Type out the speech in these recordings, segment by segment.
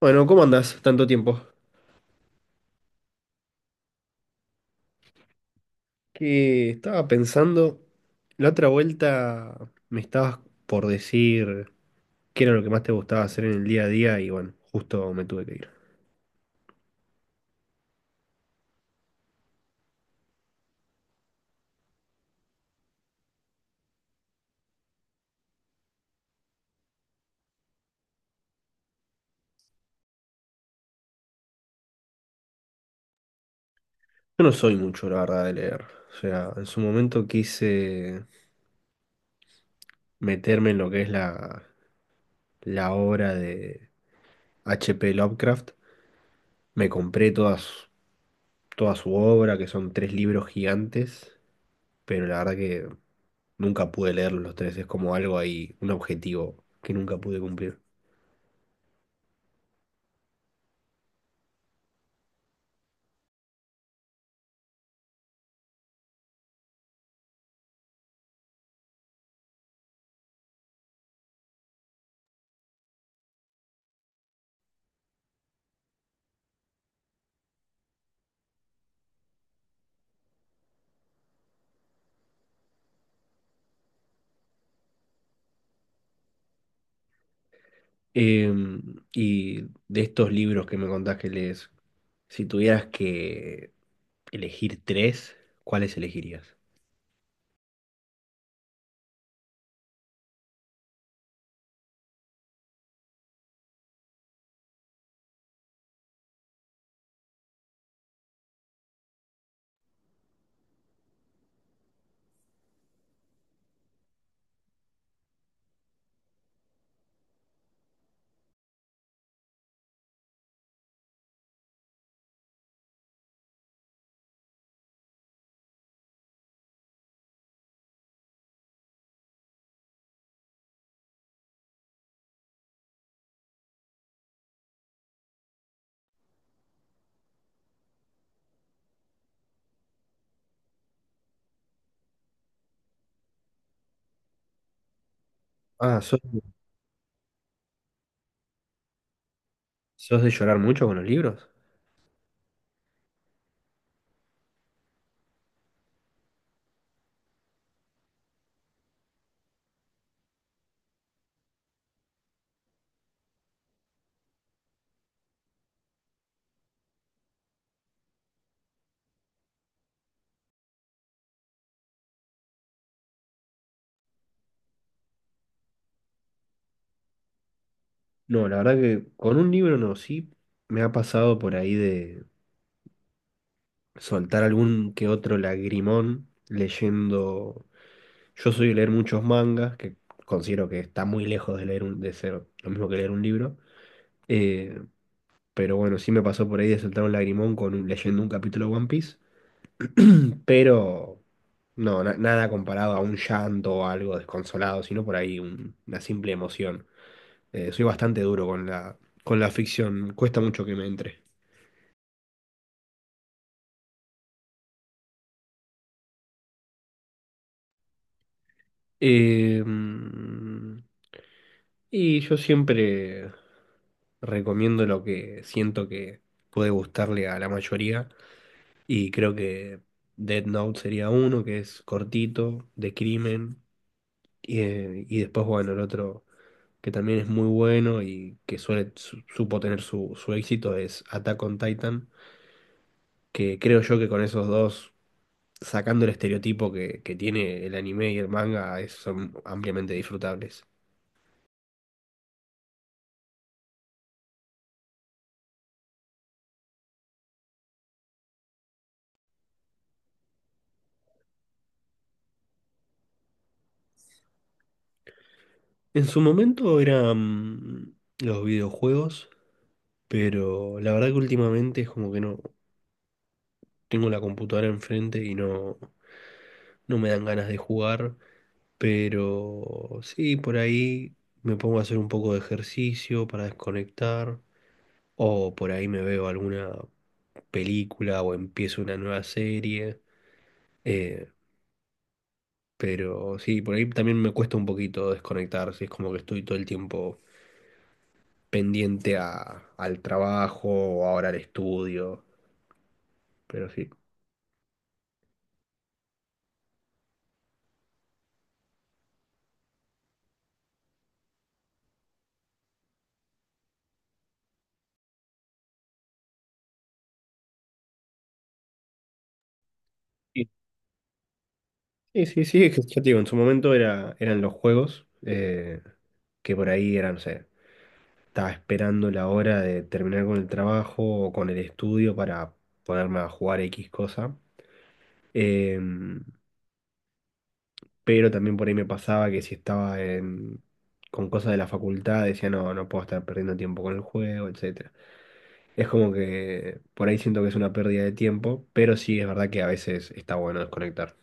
Bueno, ¿cómo andás? Tanto tiempo. Que estaba pensando, la otra vuelta me estabas por decir qué era lo que más te gustaba hacer en el día a día y bueno, justo me tuve que ir. Yo no soy mucho, la verdad, de leer. O sea, en su momento quise meterme en lo que es la obra de H. P. Lovecraft. Me compré todas, toda su obra, que son tres libros gigantes, pero la verdad que nunca pude leerlos los tres, es como algo ahí, un objetivo que nunca pude cumplir. Y de estos libros que me contás que lees, si tuvieras que elegir tres, ¿cuáles elegirías? Ah, ¿sos, sos de llorar mucho con los libros? No, la verdad que con un libro no, sí me ha pasado por ahí de soltar algún que otro lagrimón leyendo. Yo soy de leer muchos mangas, que considero que está muy lejos de leer un, de ser lo mismo que leer un libro. Eh, pero bueno, sí me pasó por ahí de soltar un lagrimón con, leyendo un capítulo de One Piece. Pero no, nada comparado a un llanto o algo desconsolado, sino por ahí una simple emoción. Soy bastante duro con con la ficción, cuesta mucho que me entre. Eh, mm, y yo siempre recomiendo lo que siento que puede gustarle a la mayoría. Y creo que Dead Note sería uno, que es cortito, de crimen. Y después, bueno, el otro que también es muy bueno y que suele, supo tener su éxito es Attack on Titan, que creo yo que con esos dos, sacando el estereotipo que tiene el anime y el manga, son ampliamente disfrutables. En su momento eran los videojuegos, pero la verdad que últimamente es como que no tengo la computadora enfrente y no, no me dan ganas de jugar. Pero sí, por ahí me pongo a hacer un poco de ejercicio para desconectar. O por ahí me veo alguna película o empiezo una nueva serie. eh, pero sí, por ahí también me cuesta un poquito desconectar. Si Es como que estoy todo el tiempo pendiente al trabajo o ahora al estudio. Pero sí. Sí, sí, sí, sí, es que ya te digo, en su momento eran los juegos, que por ahí eran, no sé. Estaba esperando la hora de terminar con el trabajo o con el estudio para ponerme a jugar X cosa. Em, pero también por ahí me pasaba que si con cosas de la facultad, decía, no, no puedo estar perdiendo tiempo con el juego, etcétera. Es como que por ahí siento que es una pérdida de tiempo, pero sí es verdad que a veces está bueno desconectar.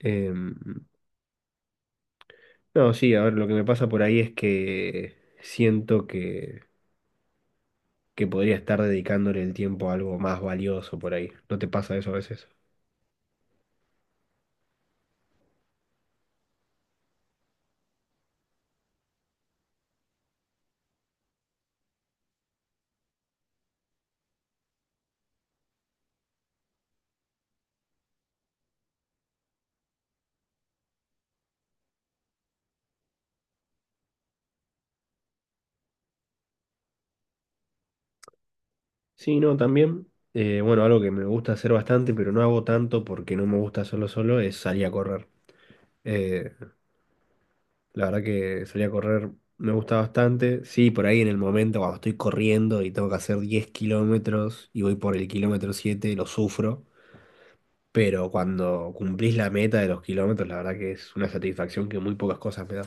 Em, no, sí, a ver, lo que me pasa por ahí es que siento que podría estar dedicándole el tiempo a algo más valioso por ahí. ¿No te pasa eso a veces? Sí, no, también. Bueno, algo que me gusta hacer bastante, pero no hago tanto porque no me gusta hacerlo solo, es salir a correr. Eh, la verdad que salir a correr me gusta bastante. Sí, por ahí en el momento cuando estoy corriendo y tengo que hacer 10 kilómetros y voy por el kilómetro 7 lo sufro. Pero cuando cumplís la meta de los kilómetros, la verdad que es una satisfacción que muy pocas cosas me da.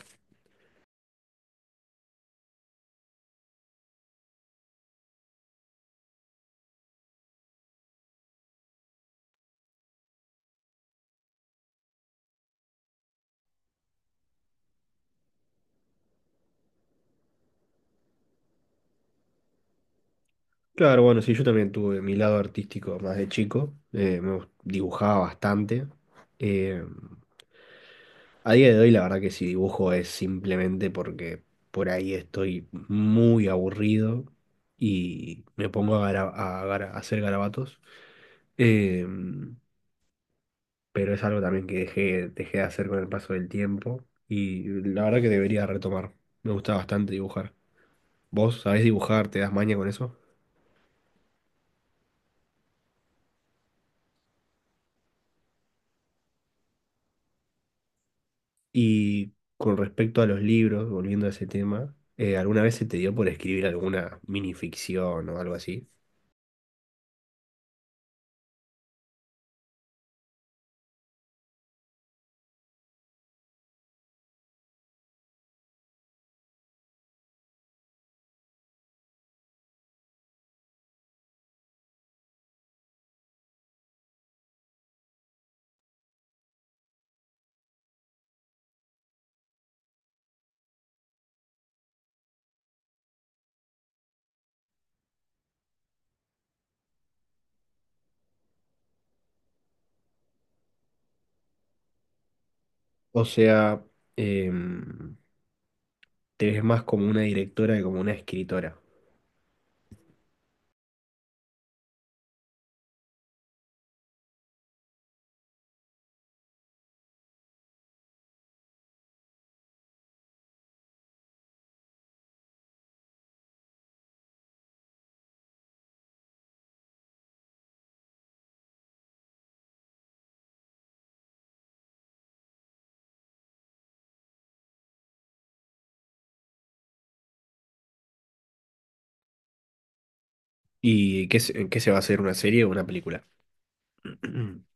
Claro, bueno, sí, yo también tuve mi lado artístico más de chico, dibujaba bastante. eh, a día de hoy la verdad que si dibujo es simplemente porque por ahí estoy muy aburrido y me pongo a hacer garabatos. eh, pero es algo también que dejé de hacer con el paso del tiempo y la verdad que debería retomar. Me gusta bastante dibujar. ¿Vos sabés dibujar? ¿Te das maña con eso? Y con respecto a los libros, volviendo a ese tema, ¿alguna vez se te dio por escribir alguna minificción o algo así? O sea, em, te ves más como una directora que como una escritora. ¿Y qué, se- en qué se va a hacer una serie o una película?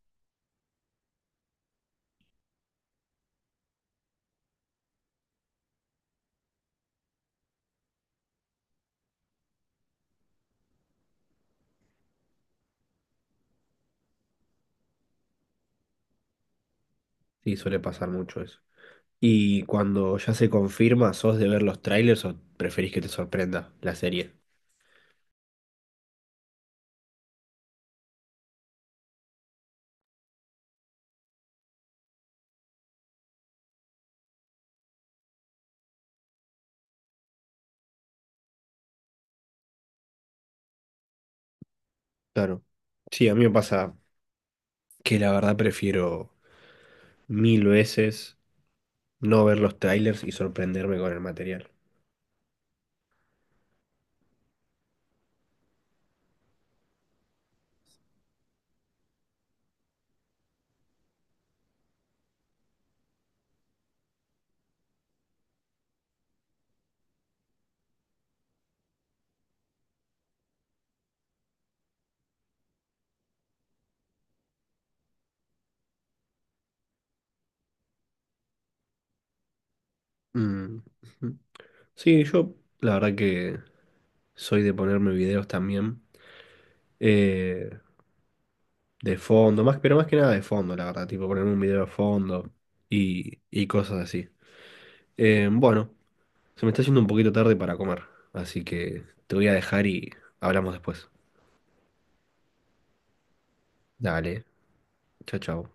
Sí, suele pasar mucho eso. ¿Y cuando ya se confirma, sos de ver los trailers o preferís que te sorprenda la serie? Claro. Sí, a mí me pasa que la verdad prefiero mil veces no ver los trailers y sorprenderme con el material. Mm. Ujú. Sí, yo la verdad que soy de ponerme videos también. eh, de fondo, más, pero más que nada de fondo, la verdad. Tipo ponerme un video de fondo y cosas así. Bueno, se me está haciendo un poquito tarde para comer. Así que te voy a dejar y hablamos después. Dale, chao, chao.